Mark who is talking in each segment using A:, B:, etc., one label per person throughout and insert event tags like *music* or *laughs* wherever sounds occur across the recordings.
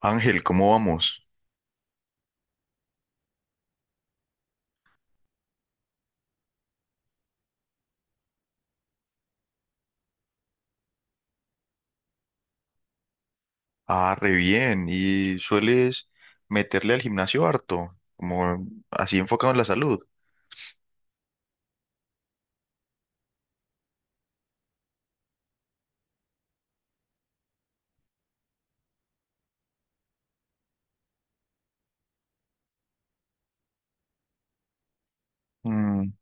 A: Ángel, ¿cómo vamos? Ah, re bien. ¿Y sueles meterle al gimnasio harto? Como así enfocado en la salud. Mm,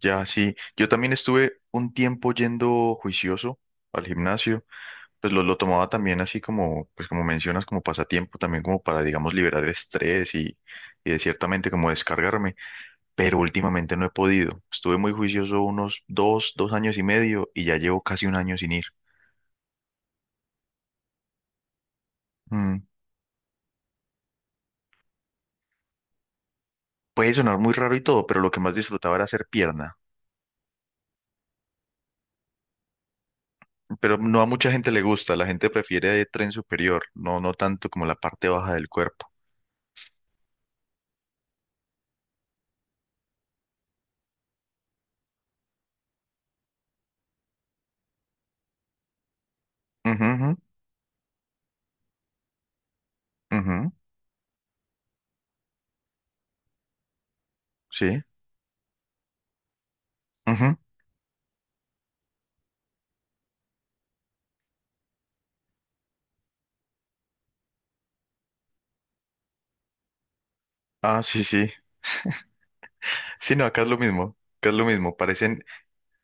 A: ya, sí. Yo también estuve un tiempo yendo juicioso al gimnasio. Pues lo tomaba también así como, pues como mencionas, como pasatiempo, también como para, digamos, liberar el estrés y de ciertamente como descargarme. Pero últimamente no he podido. Estuve muy juicioso unos dos años y medio y ya llevo casi un año sin ir. Mm. Puede sonar muy raro y todo, pero lo que más disfrutaba era hacer pierna. Pero no a mucha gente le gusta, la gente prefiere tren superior, no, no tanto como la parte baja del cuerpo. Ujú, ujú, ujú, sí. Ujú. Ah, sí, sí. Sí, no, acá es lo mismo, acá es lo mismo. Parecen,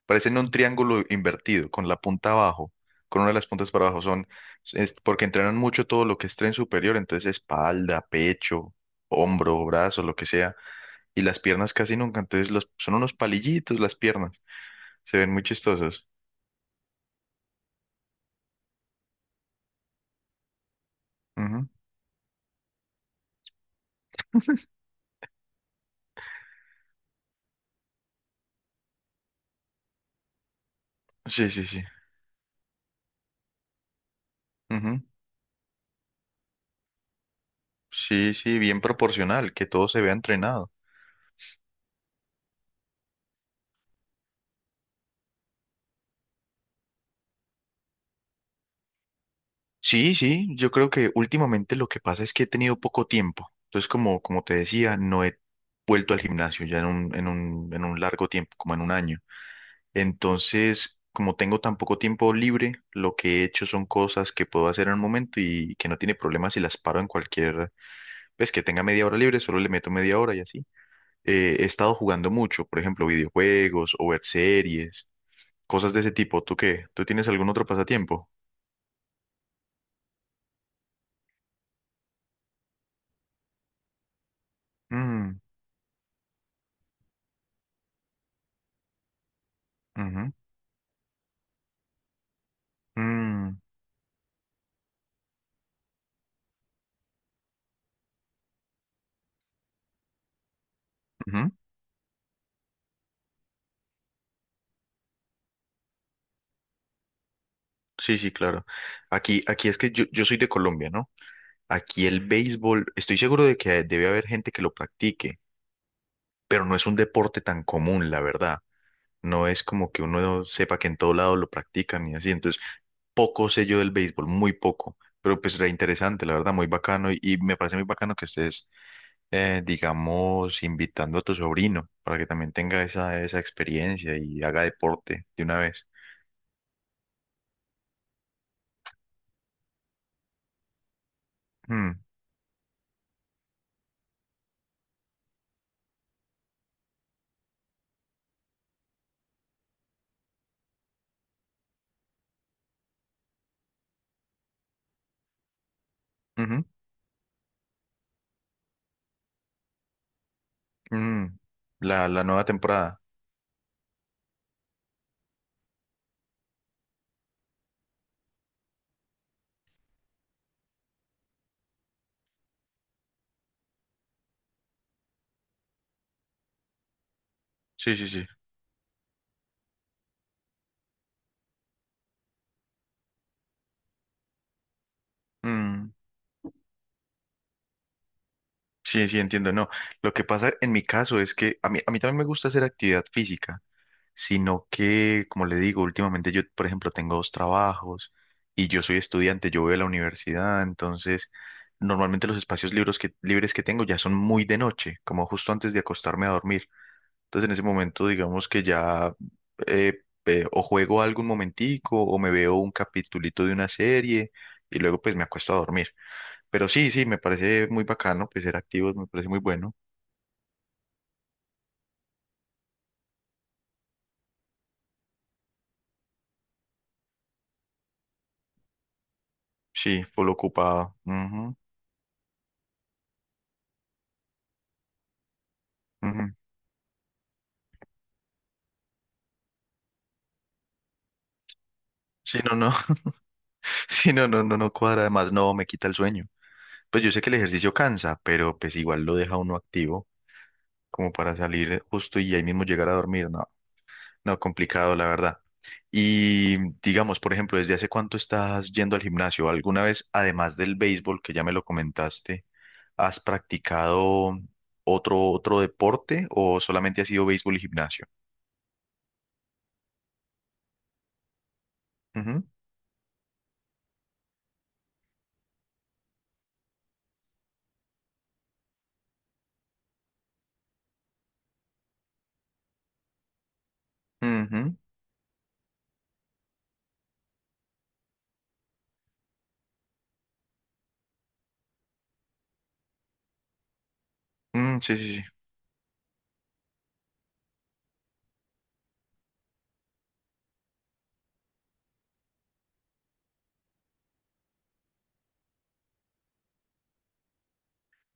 A: parecen un triángulo invertido, con la punta abajo, con una de las puntas para abajo. Es porque entrenan mucho todo lo que es tren superior, entonces espalda, pecho, hombro, brazo, lo que sea. Y las piernas casi nunca, entonces los, son unos palillitos las piernas. Se ven muy chistosos. Ujú. Sí, sí, sí. Ujú. Sí, sí, bien proporcional, que todo se vea entrenado. Sí, sí, yo creo que últimamente lo que pasa es que he tenido poco tiempo. Entonces, como te decía, no he vuelto al gimnasio ya en un largo tiempo, como en un año. Entonces, como tengo tan poco tiempo libre, lo que he hecho son cosas que puedo hacer en un momento y que no tiene problema si las paro en cualquier, pues que tenga media hora libre, solo le meto media hora y así. He estado jugando mucho, por ejemplo, videojuegos o ver series. Cosas de ese tipo. ¿Tú qué? ¿Tú tienes algún otro pasatiempo? Mm, ujú, mm, ujú. Sí, sí, claro. Aquí es que yo soy de Colombia, ¿no? Aquí el béisbol, estoy seguro de que debe haber gente que lo practique, pero no es un deporte tan común, la verdad. No es como que uno sepa que en todo lado lo practican y así. Entonces, poco sé yo del béisbol, muy poco. Pero pues era interesante, la verdad, muy bacano y me parece muy bacano que estés digamos, invitando a tu sobrino para que también tenga esa, esa experiencia y haga deporte de una vez. Mm, ujú, mm. La nueva temporada. Sí, sí, sí. Mm, sí, sí, entiendo. No, lo que pasa en mi caso es que a mí también me gusta hacer actividad física, sino que, como le digo, últimamente yo, por ejemplo, tengo dos trabajos y yo soy estudiante, yo voy a la universidad, entonces normalmente los espacios libres libres que tengo ya son muy de noche, como justo antes de acostarme a dormir. Entonces en ese momento digamos que ya o juego algo un momentico o me veo un capitulito de una serie y luego pues me acuesto a dormir. Pero sí, sí, me parece muy bacano, pues ser activos me parece muy bueno. Sí, full ocupado. Ujú, ujú. Sí, no, no. *laughs* Sí, no, no, no, no cuadra. Además, no, me quita el sueño. Pues yo sé que el ejercicio cansa, pero pues igual lo deja uno activo como para salir justo y ahí mismo llegar a dormir, ¿no? No, complicado, la verdad. Y digamos, por ejemplo, ¿desde hace cuánto estás yendo al gimnasio? ¿Alguna vez, además del béisbol, que ya me lo comentaste, has practicado otro deporte o solamente ha sido béisbol y gimnasio? Ujú, ujú, mm, sí, sí, sí.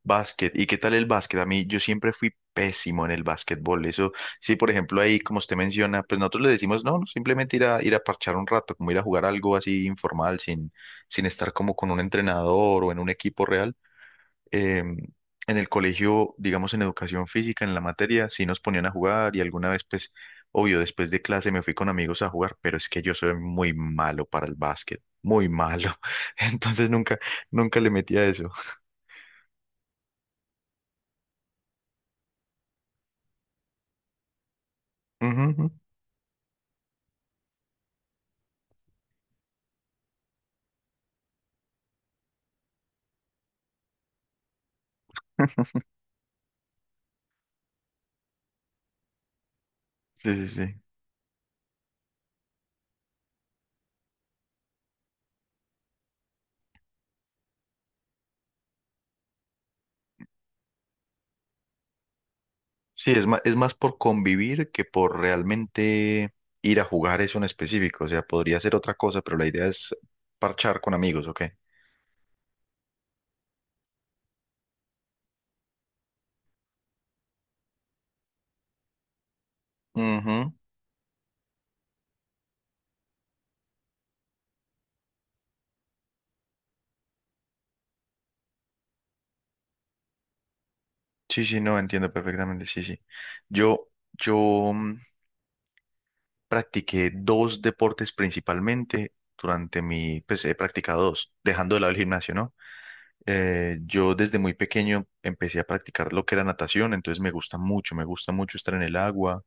A: Básquet. ¿Y qué tal el básquet? A mí, yo siempre fui pésimo en el básquetbol. Eso, sí, por ejemplo, ahí, como usted menciona, pues nosotros le decimos, no, no, simplemente ir a, parchar un rato, como ir a jugar algo así informal, sin estar como con un entrenador o en un equipo real. En el colegio, digamos en educación física, en la materia, sí nos ponían a jugar y alguna vez, pues, obvio, después de clase me fui con amigos a jugar, pero es que yo soy muy malo para el básquet, muy malo. *laughs* Entonces nunca le metí a eso. Ujú, ujú. Sí, sí, sí. Sí, es más por convivir que por realmente ir a jugar eso en específico. O sea, podría ser otra cosa, pero la idea es parchar con amigos, ¿ok? Ujú. Sí, sí, no, entiendo perfectamente, sí, sí. Yo, yo, mm, practiqué dos deportes principalmente durante mi, pues he practicado dos, dejando de lado el gimnasio, ¿no? Yo desde muy pequeño empecé a practicar lo que era natación, entonces me gusta mucho estar en el agua,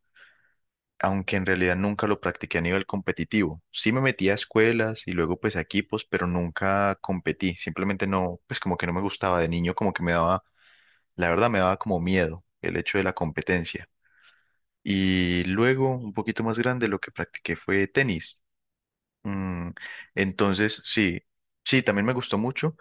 A: aunque en realidad nunca lo practiqué a nivel competitivo. Sí me metí a escuelas y luego pues a equipos, pero nunca competí, simplemente no, pues como que no me gustaba de niño, como que me daba, la verdad me daba como miedo el hecho de la competencia. Y luego, un poquito más grande, lo que practiqué fue tenis. Mm, entonces, sí, sí, también me gustó mucho,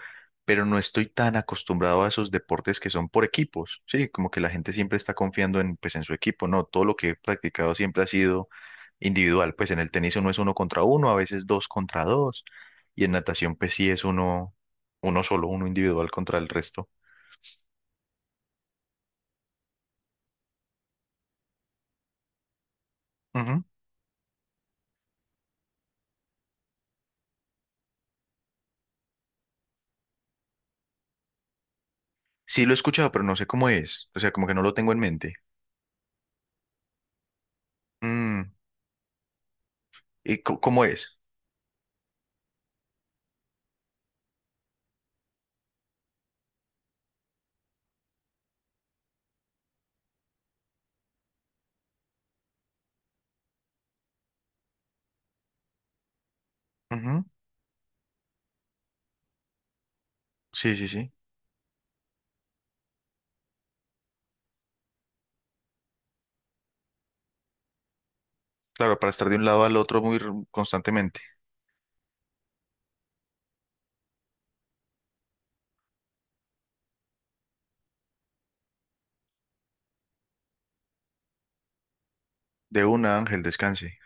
A: pero no estoy tan acostumbrado a esos deportes que son por equipos, sí, como que la gente siempre está confiando en, pues, en su equipo, no, todo lo que he practicado siempre ha sido individual, pues en el tenis uno es uno contra uno, a veces dos contra dos, y en natación pues sí es uno, uno solo, uno individual contra el resto. Ujú. Sí lo he escuchado, pero no sé cómo es, o sea, como que no lo tengo en mente. Mm, ¿Y cómo es? Ujú. Sí, sí, sí. Claro, para estar de un lado al otro muy constantemente. De una, Ángel, descanse.